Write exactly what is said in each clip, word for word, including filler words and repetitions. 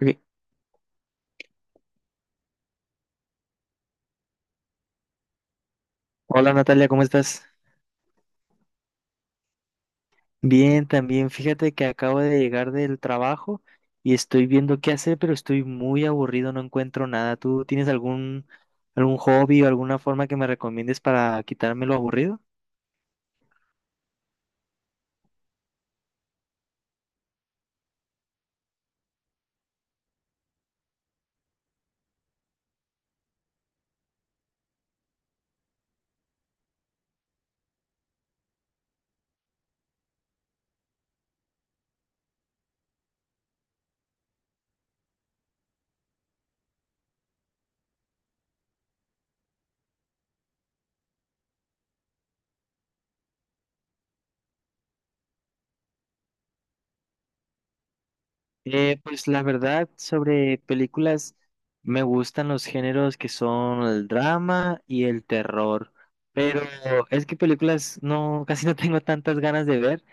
Ok. Hola Natalia, ¿cómo estás? Bien, también. Fíjate que acabo de llegar del trabajo y estoy viendo qué hacer, pero estoy muy aburrido, no encuentro nada. ¿Tú tienes algún, algún hobby o alguna forma que me recomiendes para quitarme lo aburrido? Eh, pues la verdad, sobre películas, me gustan los géneros que son el drama y el terror, pero es que películas no, casi no tengo tantas ganas de ver.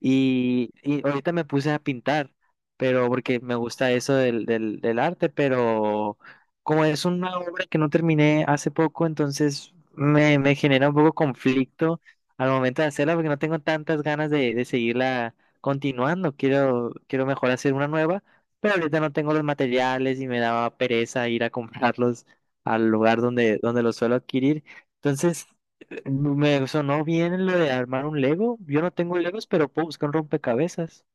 Y, y ahorita me puse a pintar, pero porque me gusta eso del, del, del arte, pero como es una obra que no terminé hace poco, entonces me, me genera un poco conflicto al momento de hacerla porque no tengo tantas ganas de, de seguirla continuando. Quiero, quiero mejor hacer una nueva, pero ahorita no tengo los materiales y me daba pereza ir a comprarlos al lugar donde, donde los suelo adquirir. Entonces... me sonó bien lo de armar un Lego. Yo no tengo Legos, pero puedo buscar un rompecabezas.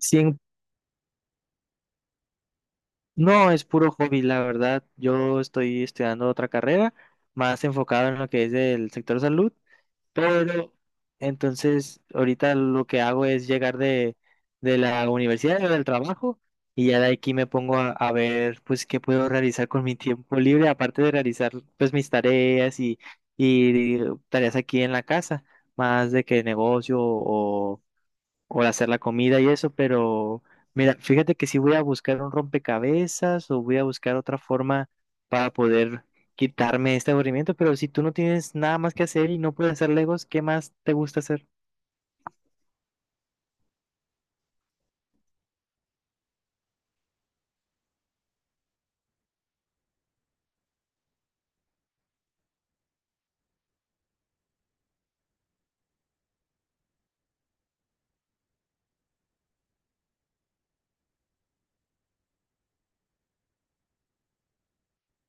Sí, no, es puro hobby, la verdad. Yo estoy estudiando otra carrera, más enfocado en lo que es el sector salud. Pero entonces ahorita lo que hago es llegar de, de la universidad o del trabajo y ya de aquí me pongo a, a ver pues qué puedo realizar con mi tiempo libre, aparte de realizar pues mis tareas y, y tareas aquí en la casa, más de que negocio o o hacer la comida y eso, pero mira, fíjate que si voy a buscar un rompecabezas o voy a buscar otra forma para poder quitarme este aburrimiento, pero si tú no tienes nada más que hacer y no puedes hacer Legos, ¿qué más te gusta hacer?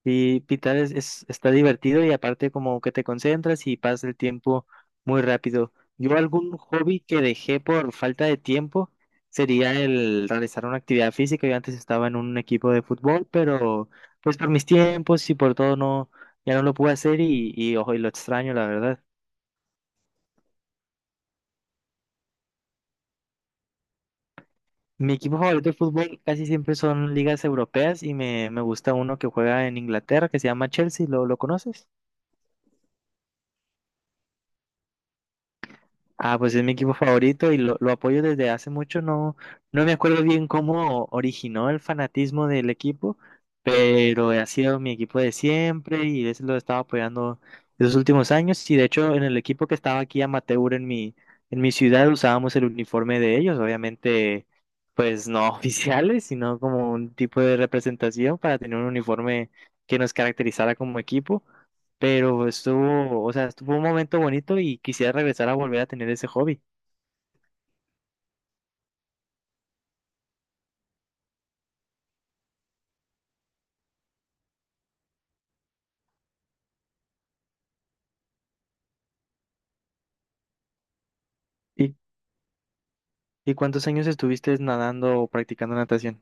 Sí, pitar es, es- está divertido y aparte como que te concentras y pasa el tiempo muy rápido. Yo algún hobby que dejé por falta de tiempo sería el realizar una actividad física. Yo antes estaba en un equipo de fútbol, pero pues por mis tiempos y por todo no, ya no lo pude hacer y, y ojo, y lo extraño, la verdad. Mi equipo favorito de fútbol casi siempre son ligas europeas y me, me gusta uno que juega en Inglaterra que se llama Chelsea. ¿Lo, lo conoces? Ah, pues es mi equipo favorito y lo, lo apoyo desde hace mucho. No, no me acuerdo bien cómo originó el fanatismo del equipo, pero ha sido mi equipo de siempre y ese lo he estado apoyando los últimos años. Y de hecho, en el equipo que estaba aquí amateur en mi, en mi ciudad usábamos el uniforme de ellos, obviamente, pues no oficiales, sino como un tipo de representación para tener un uniforme que nos caracterizara como equipo, pero estuvo, o sea, estuvo un momento bonito y quisiera regresar a volver a tener ese hobby. ¿Y, y cuántos años estuviste nadando o practicando natación?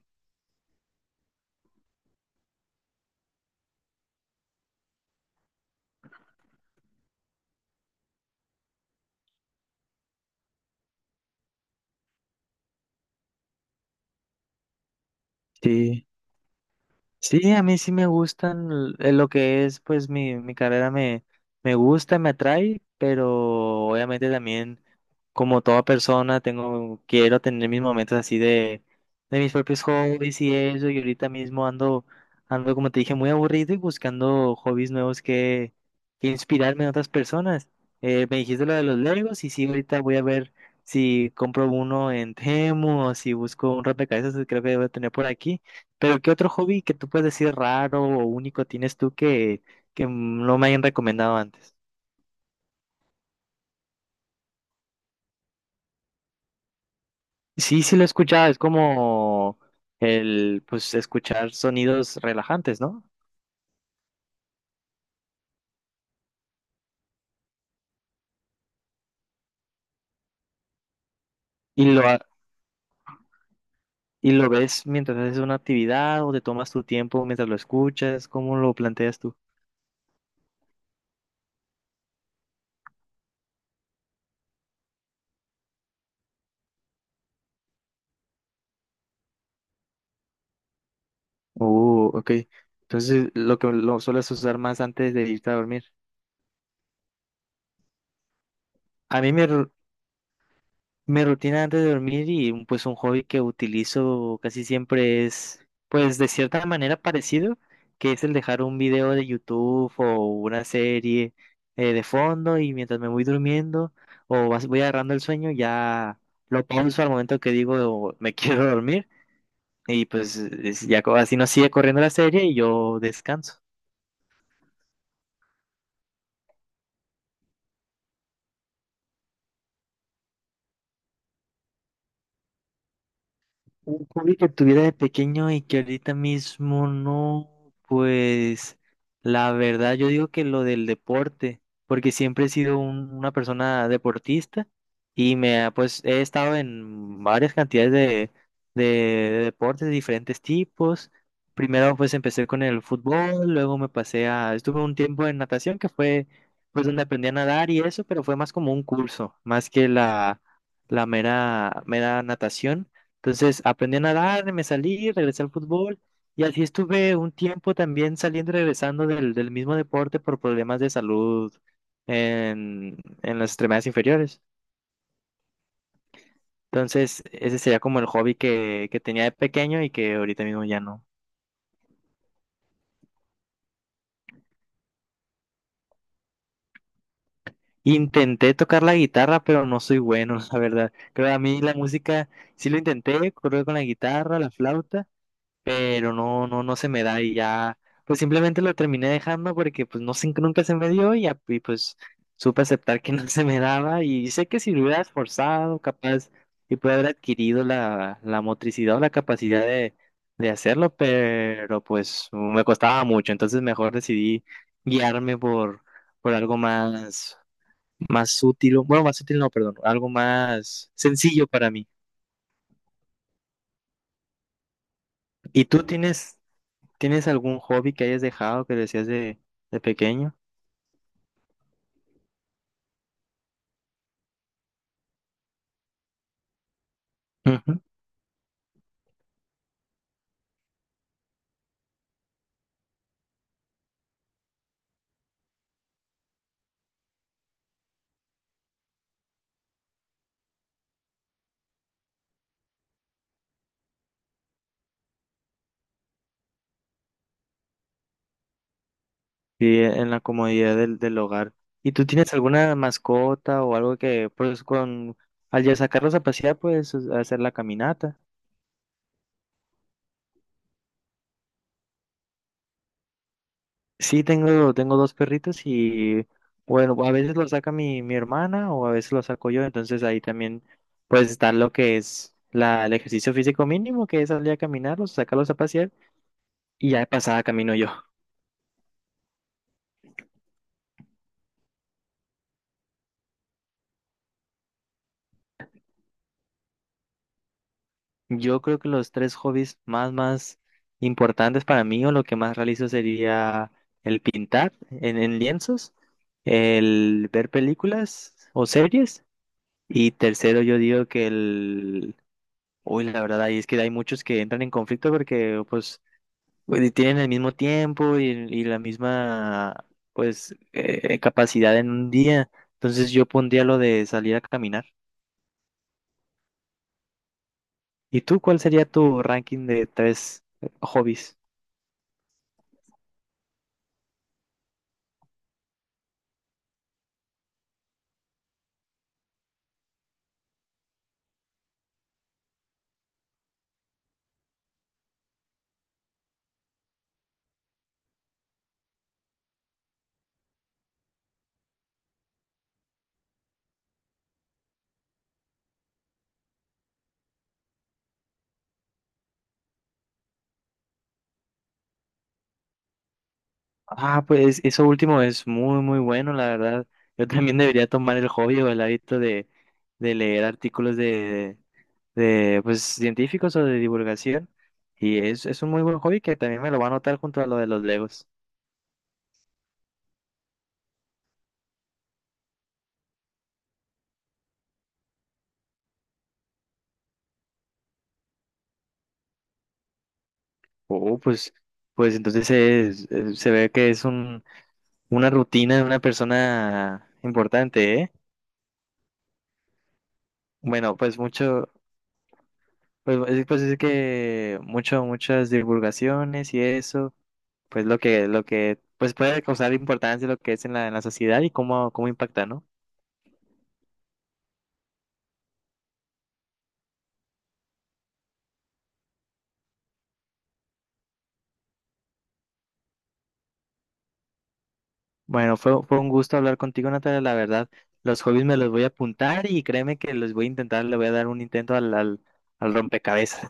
Sí, sí, a mí sí me gustan l- eh, lo que es, pues mi, mi carrera me, me gusta, me atrae, pero obviamente también... como toda persona, tengo, quiero tener mis momentos así de, de mis propios hobbies y eso, y ahorita mismo ando, ando, como te dije, muy aburrido y buscando hobbies nuevos que, que inspirarme en otras personas. Eh, me dijiste lo de los Legos y sí, ahorita voy a ver si compro uno en Temu o si busco un rompecabezas que creo que debo tener por aquí. Pero ¿qué otro hobby que tú puedes decir raro o único tienes tú que, que no me hayan recomendado antes? Sí, sí lo he escuchado, es como el, pues, escuchar sonidos relajantes, ¿no? Y lo, ha- y lo ves mientras haces una actividad o te tomas tu tiempo mientras lo escuchas, ¿cómo lo planteas tú? Uh, ok. Entonces, lo que lo sueles usar más antes de irte a dormir. A mí me, Mi rutina antes de dormir y mm, pues un hobby que utilizo casi siempre es pues de cierta manera parecido, que es el dejar un video de YouTube o una serie eh, de fondo y mientras me voy durmiendo o vas- voy agarrando el sueño ya lo pauso al momento que digo me quiero dormir y pues es- ya co- así no sigue corriendo la serie y yo descanso. Un hobby que tuviera de pequeño y que ahorita mismo no, pues la verdad yo digo que lo del deporte, porque siempre he sido un- una persona deportista y me ha, pues he estado en varias cantidades de, de deportes de diferentes tipos. Primero pues empecé con el fútbol, luego me pasé a, estuve un tiempo en natación que fue pues donde aprendí a nadar y eso, pero fue más como un curso, más que la, la mera, mera natación. Entonces aprendí a nadar, me salí, regresé al fútbol y así estuve un tiempo también saliendo y regresando del, del mismo deporte por problemas de salud en, en las extremidades inferiores. Entonces ese sería como el hobby que, que tenía de pequeño y que ahorita mismo ya no. Intenté tocar la guitarra, pero no soy bueno, la verdad. Creo que a mí la música sí lo intenté, correr con la guitarra, la flauta. Pero no, no, no se me da y ya, pues simplemente lo terminé dejando porque pues no sé, nunca se me dio y, ya y, pues supe aceptar que no se me daba y sé que si lo hubiera esforzado, capaz, y pude haber adquirido la, la motricidad o la capacidad de, de hacerlo, pero pues me costaba mucho, entonces mejor decidí guiarme por, por algo más, más útil, bueno, más útil no, perdón, algo más sencillo para mí. ¿Y tú tienes... ¿Tienes algún hobby que hayas dejado que decías de, de pequeño? Ujú. Y en la comodidad del, del hogar. ¿Y tú tienes alguna mascota o algo que, pues, con, al ya sacarlos a pasear, puedes hacer la caminata? Sí, tengo, tengo dos perritos y, bueno, a veces los saca mi, mi hermana o a veces los saco yo, entonces ahí también, pues, está lo que es la, el ejercicio físico mínimo, que es salir a caminar, los sacarlos a pasear y ya de pasada camino yo. Yo creo que los tres hobbies más, más importantes para mí o lo que más realizo sería el pintar en, en lienzos, el ver películas o series y tercero yo digo que el... Uy, la verdad, ahí es que hay muchos que entran en conflicto porque pues pues, tienen el mismo tiempo y, y la misma pues eh, capacidad en un día. Entonces yo pondría lo de salir a caminar. ¿Y tú cuál sería tu ranking de tres hobbies? Ah, pues eso último es muy, muy bueno, la verdad. Yo también debería tomar el hobby o el hábito de, de leer artículos de, de, pues, científicos o de divulgación. Y es, es un muy buen hobby que también me lo va a anotar junto a lo de los Legos. Oh, pues, pues entonces es- es- se ve que es un, una rutina de una persona importante, ¿eh? Bueno, pues mucho. Pues, pues, es- pues es que mucho, muchas divulgaciones y eso, pues lo que, lo que, pues puede causar importancia lo que es en la, en la sociedad y cómo, cómo impacta, ¿no? Bueno, fue, fue un gusto hablar contigo, Natalia, la verdad. Los hobbies me los voy a apuntar y créeme que los voy a intentar, le voy a dar un intento al, al, al rompecabezas.